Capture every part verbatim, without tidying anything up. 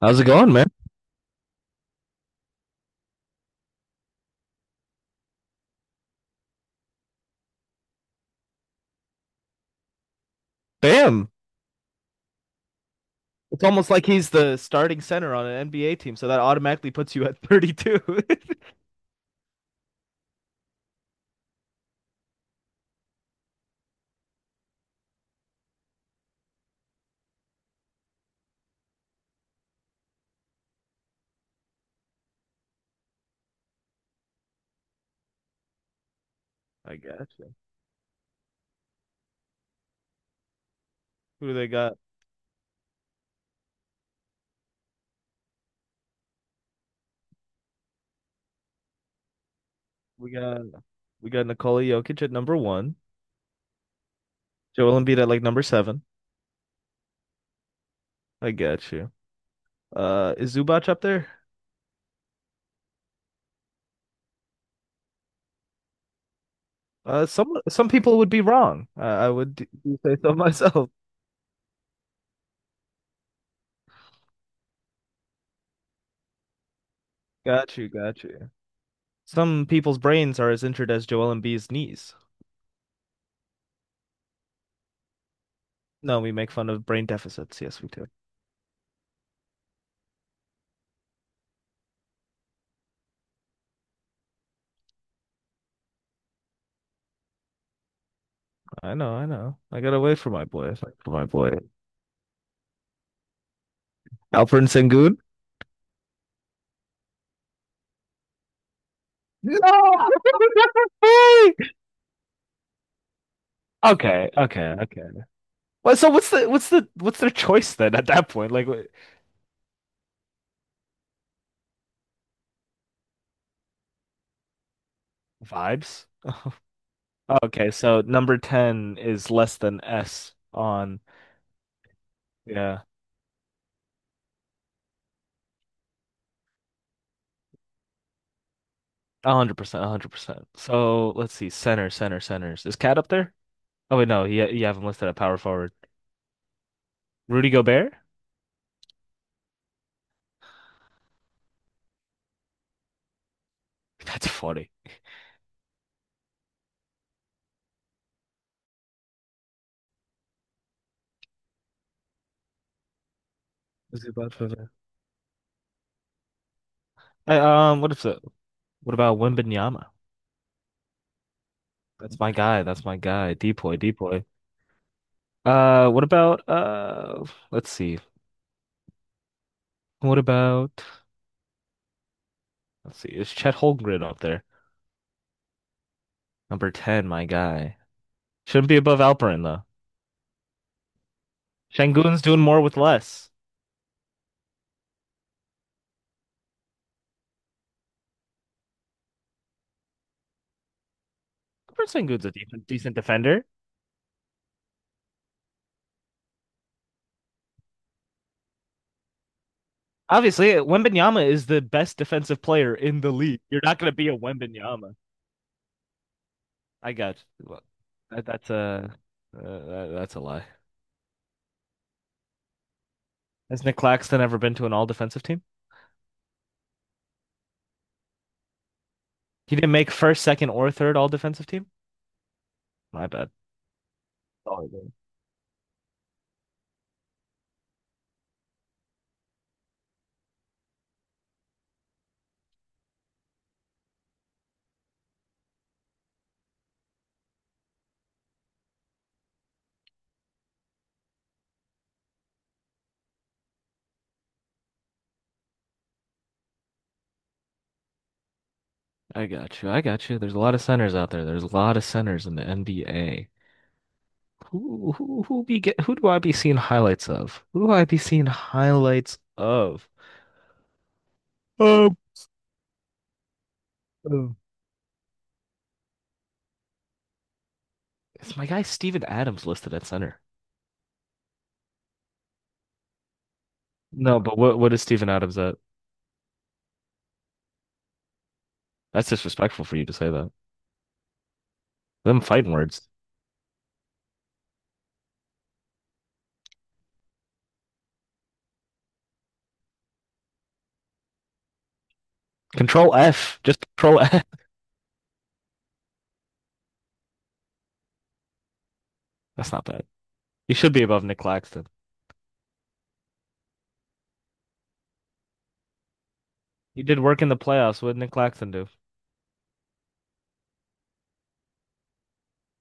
How's it going, man? Bam. It's almost like he's the starting center on an N B A team, so that automatically puts you at thirty-two. I gotcha. Who do they got? We got we got Nikola Jokic at number one. Joel Embiid at like number seven. I got you. Uh, is Zubac up there? Uh, some some people would be wrong. Uh, I would d- do say so myself. Got you, got you. Some people's brains are as injured as Joel Embiid's knees. No, we make fun of brain deficits. Yes, we do. I know, I know. I gotta wait for my boy. For my boy. Alfred Sengun? No. Okay, okay, okay. Well, so what's the what's the what's their choice then at that point? Like what, vibes? Oh, okay, so number ten is less than S on, yeah, one hundred percent, a one hundred percent. So, let's see. Center, center, centers. Is Cat up there? Oh wait, no. You, you haven't listed at power forward. Rudy Gobert? That's funny. Is it bad for that? Hey, um, what if so, what about Wembanyama? That's my guy. That's my guy. Depoy, Depoy. Uh, what about uh? Let's see. What about? Let's see. Is Chet Holmgren up there? Number ten, my guy. Shouldn't be above Alperin though. Şengün's doing more with less. Alperen Şengün's a decent, decent defender. Obviously, Wembanyama is the best defensive player in the league. You're not gonna be a Wembanyama. I got you. Well, that, that's a uh, that, that's a lie. Has Nick Claxton ever been to an all defensive team? He didn't make first, second, or third all defensive team. My bad. Oh, yeah. I got you. I got you. There's a lot of centers out there. There's a lot of centers in the N B A. Who who who be get, who do I be seeing highlights of? Who do I be seeing highlights of? Um, um, it's my guy Steven Adams listed at center. No, but what what is Steven Adams at? That's disrespectful for you to say that. Them fighting words. Control F. Just control F. That's not bad. He should be above Nick Claxton. He did work in the playoffs. What did Nick Claxton do?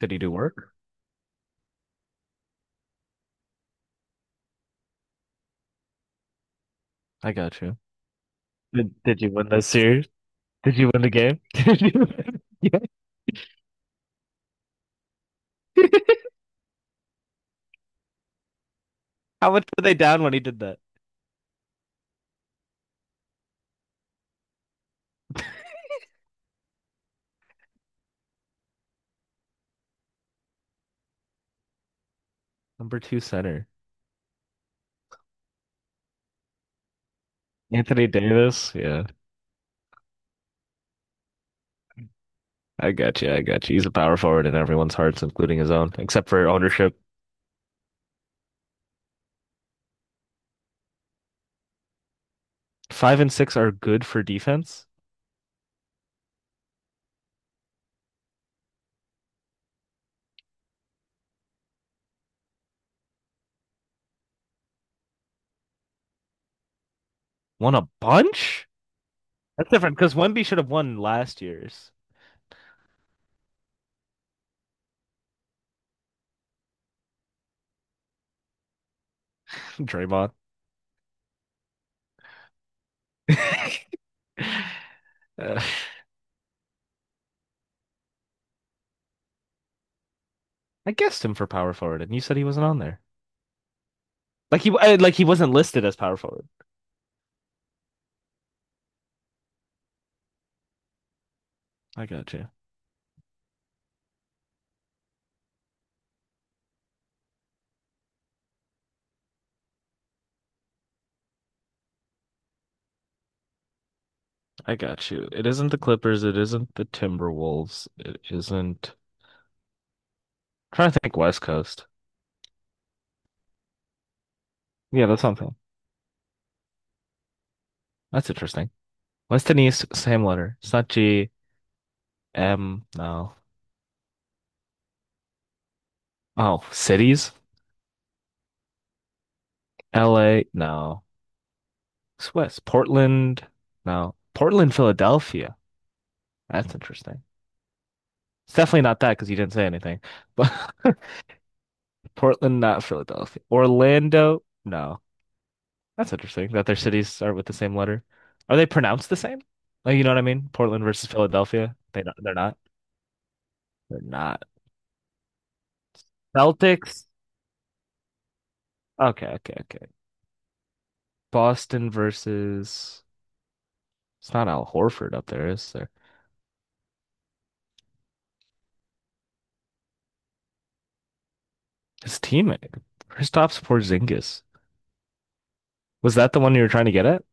Did he do work? I got you. Did, did you win this series? Did you win the game? Did you win the game? How much were they down when he did that? Number two center. Anthony Davis. Yeah, I got you. I got you. He's a power forward in everyone's hearts, including his own, except for ownership. Five and six are good for defense. Won a bunch? That's different because Wemby should have won last year's. Draymond. Uh, I guessed him for power forward, and you said he wasn't on there. Like he, uh, like he wasn't listed as power forward. I got you. I got you. It isn't the Clippers. It isn't the Timberwolves. It isn't. I'm trying to think West Coast. Yeah, that's something. That's interesting. West and East, same letter. It's not G, M, no. Oh, cities? L A? No. It's West. Portland? No. Portland, Philadelphia. That's interesting. It's definitely not that because you didn't say anything. But Portland, not Philadelphia. Orlando? No. That's interesting that their cities start with the same letter. Are they pronounced the same? Like, you know what I mean? Portland versus Philadelphia. They not, they're not. They're not. Celtics. Okay, okay, okay. Boston versus. It's not Al Horford up there, is there? His teammate, Kristaps Porzingis. Was that the one you were trying to get at?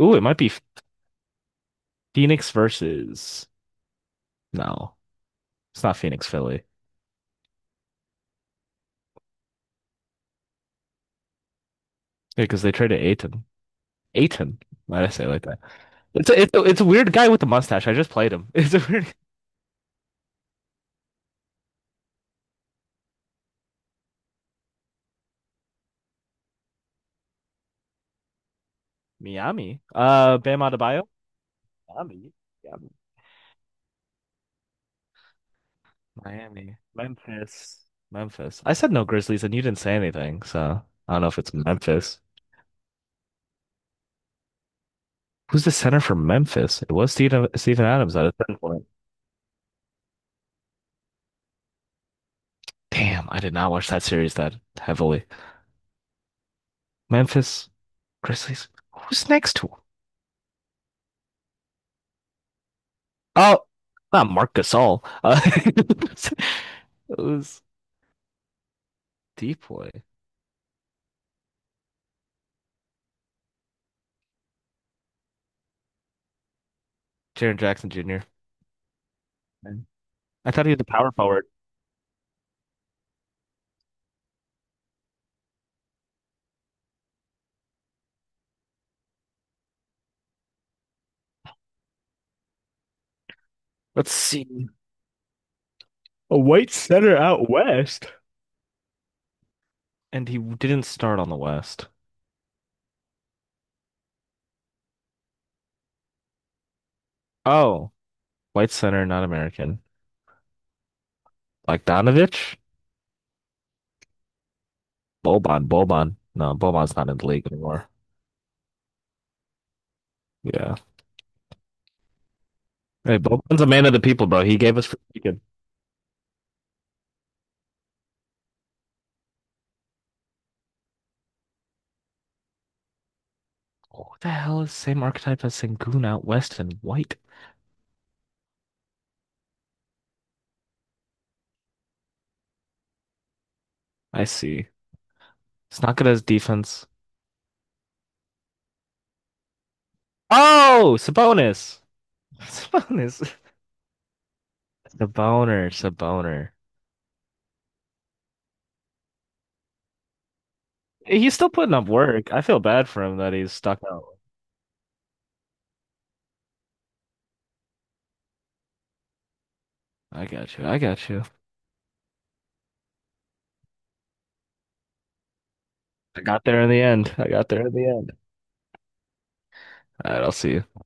Ooh, it might be Phoenix versus. No, it's not Phoenix, Philly. Yeah, because they traded Ayton. Ayton. Why did I say it like that? It's a, it's a, it's a weird guy with a mustache. I just played him. It's a weird Miami. Uh, Bam Adebayo. Miami. Miami. Miami. Memphis. Memphis. I said no Grizzlies, and you didn't say anything, so I don't know if it's Memphis. Who's the center for Memphis? It was Steven, Steven Adams at a certain point. Damn, I did not watch that series that heavily. Memphis Grizzlies. Who's next to him? Oh, not Mark Gasol. Uh, it was deep boy. Jaren Jackson Junior I thought he was a power forward. Let's see. A white center out west. And he didn't start on the West. Oh, white center, not American. Like Bogdanovich? Boban, Boban. No, Boban's not in the league anymore. Yeah. Hey, Boban's a man of the people, bro. He gave us freaking. What the hell is same archetype as Sengun out west and white? I see. It's not good as defense. Oh, Sabonis. Sabonis. Saboner, Saboner. He's still putting up work. I feel bad for him that he's stuck out. I got you. I got you. I got there in the end. I got there in the end. All right, I'll see you.